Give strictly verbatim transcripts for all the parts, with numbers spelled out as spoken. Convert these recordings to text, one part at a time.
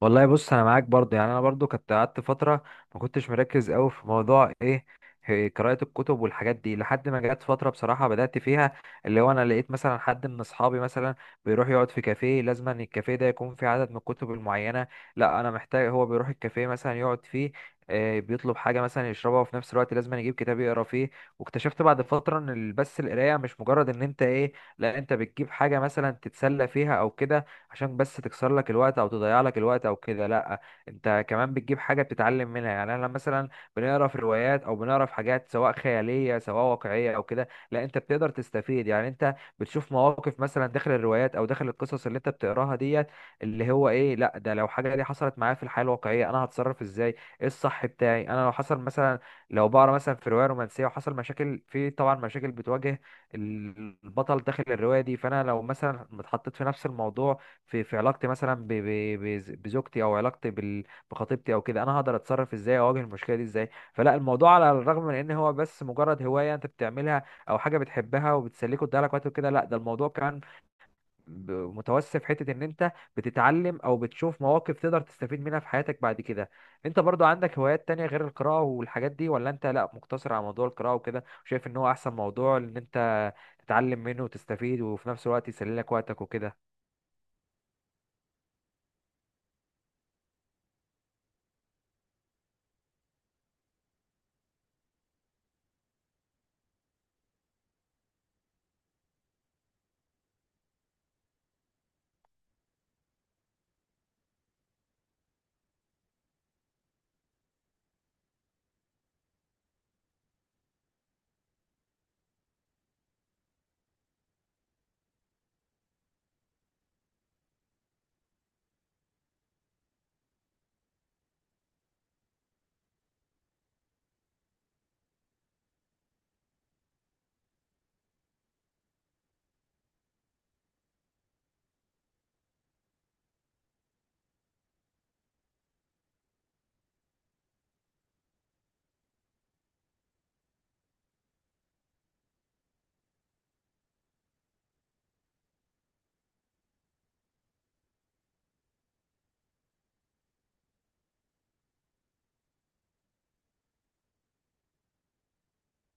والله بص، انا معاك برضه. يعني انا برضه كنت قعدت فتره ما كنتش مركز قوي في موضوع ايه إيه قراءه الكتب والحاجات دي، لحد ما جت فتره بصراحه بدات فيها، اللي هو انا لقيت مثلا حد من اصحابي مثلا بيروح يقعد في كافيه، لازم ان الكافيه ده يكون فيه عدد من الكتب المعينه. لا انا محتاج هو بيروح الكافيه مثلا يقعد فيه، آه، بيطلب حاجة مثلا يشربها، وفي نفس الوقت لازم يجيب كتاب يقرا فيه. واكتشفت بعد فترة ان بس القراية مش مجرد ان انت ايه، لا انت بتجيب حاجة مثلا تتسلى فيها او كده، عشان بس تكسر لك الوقت او تضيع لك الوقت او كده. لا انت كمان بتجيب حاجه بتتعلم منها. يعني انا مثلا بنقرا في روايات او بنقرا في حاجات سواء خياليه سواء واقعيه او كده، لا انت بتقدر تستفيد. يعني انت بتشوف مواقف مثلا داخل الروايات او داخل القصص اللي انت بتقراها ديت، اللي هو ايه، لا ده لو حاجه دي حصلت معايا في الحياه الواقعيه، انا هتصرف ازاي؟ ايه الصح بتاعي انا لو حصل مثلا؟ لو بقرا مثلا في روايه رومانسيه، وحصل مشاكل في، طبعا مشاكل بتواجه البطل داخل الروايه دي، فانا لو مثلا اتحطيت في نفس الموضوع في في علاقتي مثلا ب- ب- بز- بزوجتي، او علاقتي بال- بخطيبتي او كده، انا هقدر اتصرف ازاي؟ اواجه المشكله دي ازاي؟ فلا الموضوع على الرغم من ان هو بس مجرد هوايه انت بتعملها او حاجه بتحبها وبتسليك وتضيعلك وقت وكده، لا ده الموضوع كان ب- متوسع في حته ان انت بتتعلم او بتشوف مواقف تقدر تستفيد منها في حياتك بعد كده. انت برضو عندك هوايات تانية غير القراءه والحاجات دي؟ ولا انت لا، مقتصر على موضوع القراءه وكده، وشايف ان هو احسن موضوع ان انت تتعلم منه وتستفيد وفي نفس الوقت يسلي لك وقتك وكده؟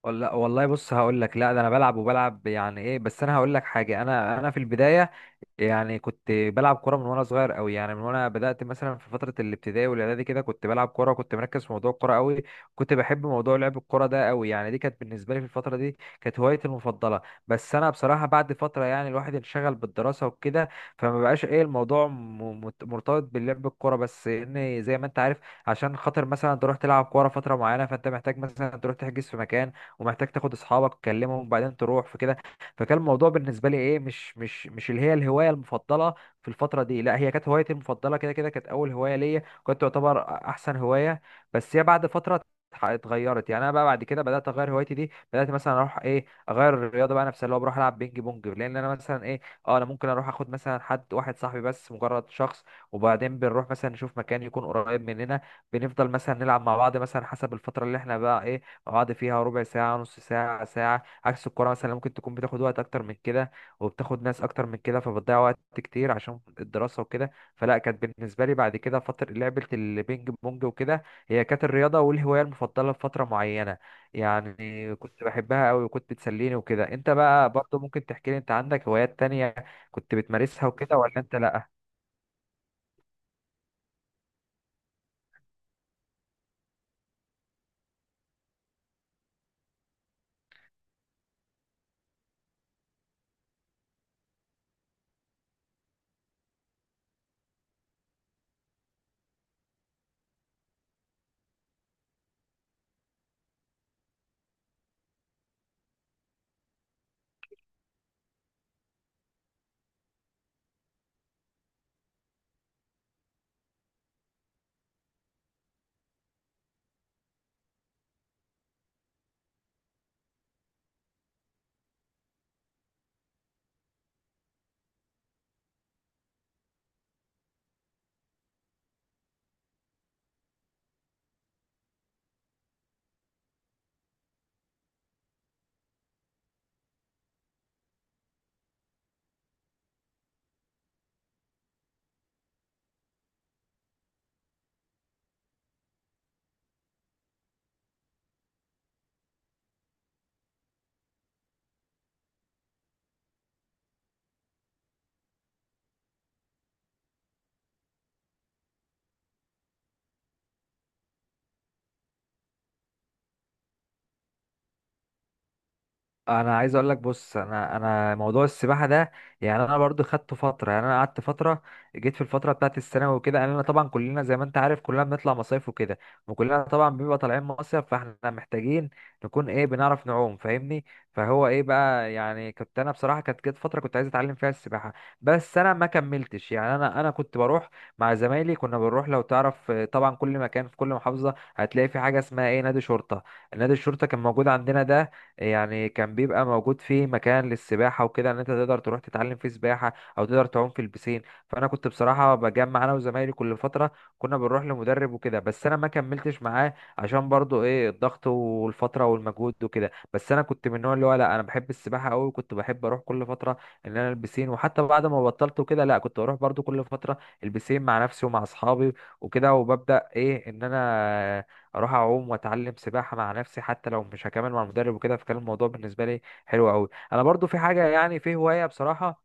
ولا؟ والله بص، هقول لك. لا ده انا بلعب وبلعب يعني ايه، بس انا هقول لك حاجه. انا انا في البدايه، يعني كنت بلعب كوره من وانا صغير قوي، يعني من وانا بدات مثلا في فتره الابتدائي والاعدادي كده، كنت بلعب كوره، كنت مركز في موضوع الكوره قوي، كنت بحب موضوع لعب الكوره ده قوي. يعني دي كانت بالنسبه لي في الفتره دي، كانت هوايتي المفضله. بس انا بصراحه بعد فتره يعني الواحد انشغل بالدراسه وكده، فما بقاش ايه الموضوع م- مت- مرتبط باللعب الكوره. بس ان زي ما انت عارف، عشان خاطر مثلا تروح تلعب كوره فتره معينه، فانت محتاج مثلا تروح تحجز في مكان، ومحتاج تاخد اصحابك تكلمهم وبعدين تروح في، فكان الموضوع بالنسبه لي ايه مش مش مش اللي هي الهوايه المفضله في الفتره دي. لا هي كانت هوايتي المفضله كده، كده كانت اول هوايه ليا، كنت تعتبر احسن هوايه، بس هي بعد فتره اتح- اتغيرت. يعني انا بقى بعد كده بدات اغير هوايتي دي، بدات مثلا اروح ايه اغير الرياضه بقى نفسها، اللي هو بروح العب بينج بونج، لان انا مثلا ايه، اه انا ممكن اروح اخد مثلا حد واحد صاحبي، بس مجرد شخص، وبعدين بنروح مثلا نشوف مكان يكون قريب مننا، بنفضل مثلا نلعب مع بعض مثلا حسب الفتره اللي احنا بقى ايه مع بعض فيها، ربع ساعه، نص ساعه، ساعه. عكس الكوره مثلا، ممكن تكون بتاخد وقت اكتر من كده، وبتاخد ناس اكتر من كده، فبتضيع وقت كتير عشان الدراسه وكده. فلا كانت بالنسبه لي بعد كده فتره لعبه البينج بونج وكده، هي كانت الرياضه والهوايه المفضله لفتره معينه. يعني كنت بحبها قوي وكنت بتسليني وكده. انت بقى برضو ممكن تحكي لي انت عندك هوايات تانية كنت بتمارسها وكده؟ ولا انت لا؟ انا عايز اقول لك، بص انا انا موضوع السباحه ده، يعني انا برضو خدت فتره، يعني انا قعدت فتره، جيت في الفتره بتاعت الثانوي وكده. يعني انا طبعا كلنا زي ما انت عارف كلنا بنطلع مصايف وكده، وكلنا طبعا بنبقى طالعين مصيف، فاحنا محتاجين نكون ايه، بنعرف نعوم، فاهمني؟ فهو ايه بقى، يعني كنت انا بصراحه كانت جت فتره كنت عايز اتعلم فيها السباحه، بس انا ما كملتش. يعني انا انا كنت بروح مع زمايلي، كنا بنروح، لو تعرف آه، طبعا كل مكان في كل محافظه هتلاقي في حاجه اسمها ايه، نادي شرطه. نادي الشرطه كان موجود عندنا ده، يعني كان بيبقى موجود فيه مكان للسباحة وكده، ان انت تقدر تروح تتعلم فيه سباحة او تقدر تعوم في البسين. فانا كنت بصراحة بجمع انا وزمايلي كل فترة، كنا بنروح لمدرب وكده، بس انا ما كملتش معاه عشان برضو ايه الضغط والفترة والمجهود وكده. بس انا كنت من النوع اللي هو لا، انا بحب السباحة قوي، كنت بحب اروح كل فترة ان انا البسين، وحتى بعد ما بطلت وكده لا، كنت بروح برضو كل فترة البسين مع نفسي ومع اصحابي وكده، وببدأ ايه، ان انا اروح اعوم واتعلم سباحه مع نفسي حتى لو مش هكمل مع المدرب وكده. فكان الموضوع بالنسبه لي حلو قوي. انا برضو في حاجه، يعني في هوايه بصراحه،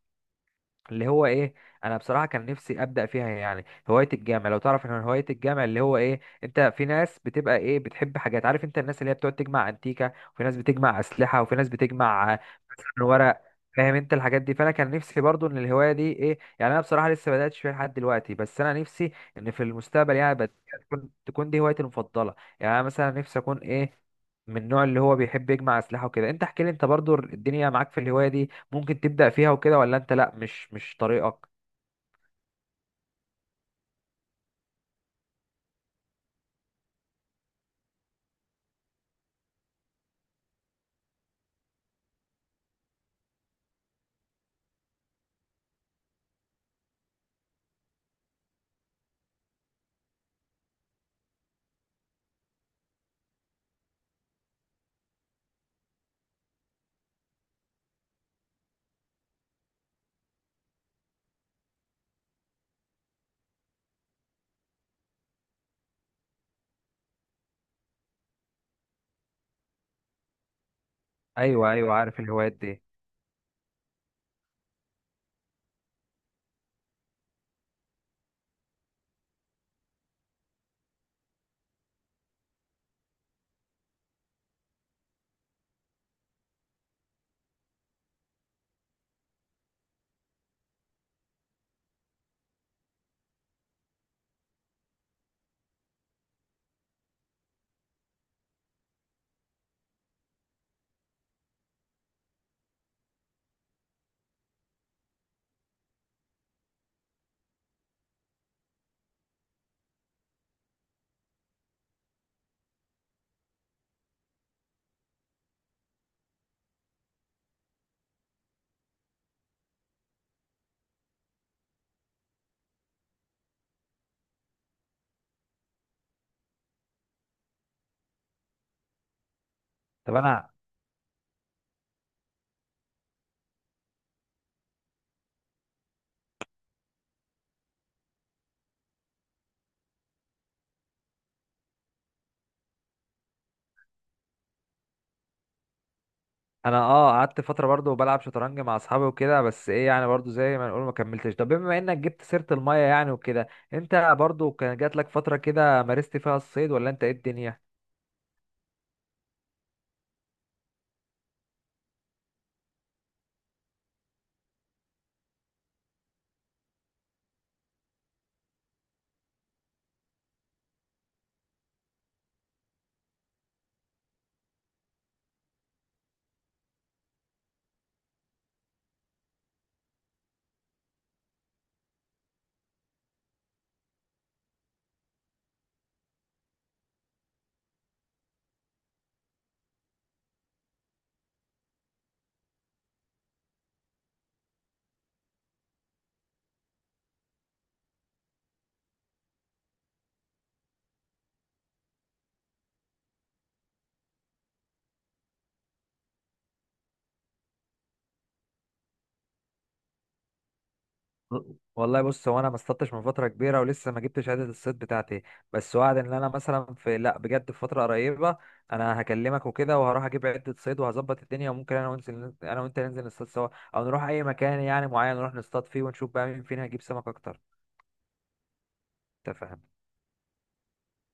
اللي هو ايه، انا بصراحه كان نفسي ابدا فيها، يعني هوايه الجامع. لو تعرف ان هوايه الجامع اللي هو ايه، انت في ناس بتبقى ايه، بتحب حاجات، عارف انت الناس اللي هي بتقعد تجمع انتيكه، وفي ناس بتجمع اسلحه، وفي ناس بتجمع آه، مثلا ورق. فاهم انت الحاجات دي؟ فانا كان نفسي برضو ان الهوايه دي ايه، يعني انا بصراحه لسه ما بداتش فيها لحد دلوقتي، بس انا نفسي ان في المستقبل يعني بت- تكون تكون دي هوايتي المفضله. يعني انا مثلا نفسي اكون ايه، من النوع اللي هو بيحب يجمع اسلحه وكده. انت احكي لي، انت برضو الدنيا معاك في الهوايه دي، ممكن تبدأ فيها وكده؟ ولا انت لا، مش مش طريقك؟ ايوه ايوه، عارف الهوايات دي. طب انا، انا اه قعدت فترة برضو بلعب شطرنج مع اصحابي وكده، بس ايه يعني برضو زي ما نقول ما كملتش. طب بما انك جبت سيرة المية يعني وكده، انت برضو كان جات لك فترة كده مارست فيها الصيد؟ ولا انت ايه الدنيا؟ والله بص، هو انا ما اصطدتش من فتره كبيره، ولسه ما جبتش عدد الصيد بتاعتي، بس وعد ان انا مثلا في، لا بجد، في فتره قريبه انا هكلمك وكده، وهروح اجيب عده صيد وهظبط الدنيا، وممكن انا وانزل، انا وانت ننزل نصطاد سوا، او نروح اي مكان يعني معين نروح نصطاد فيه، ونشوف بقى مين فينا هيجيب سمك اكتر. انت فاهم؟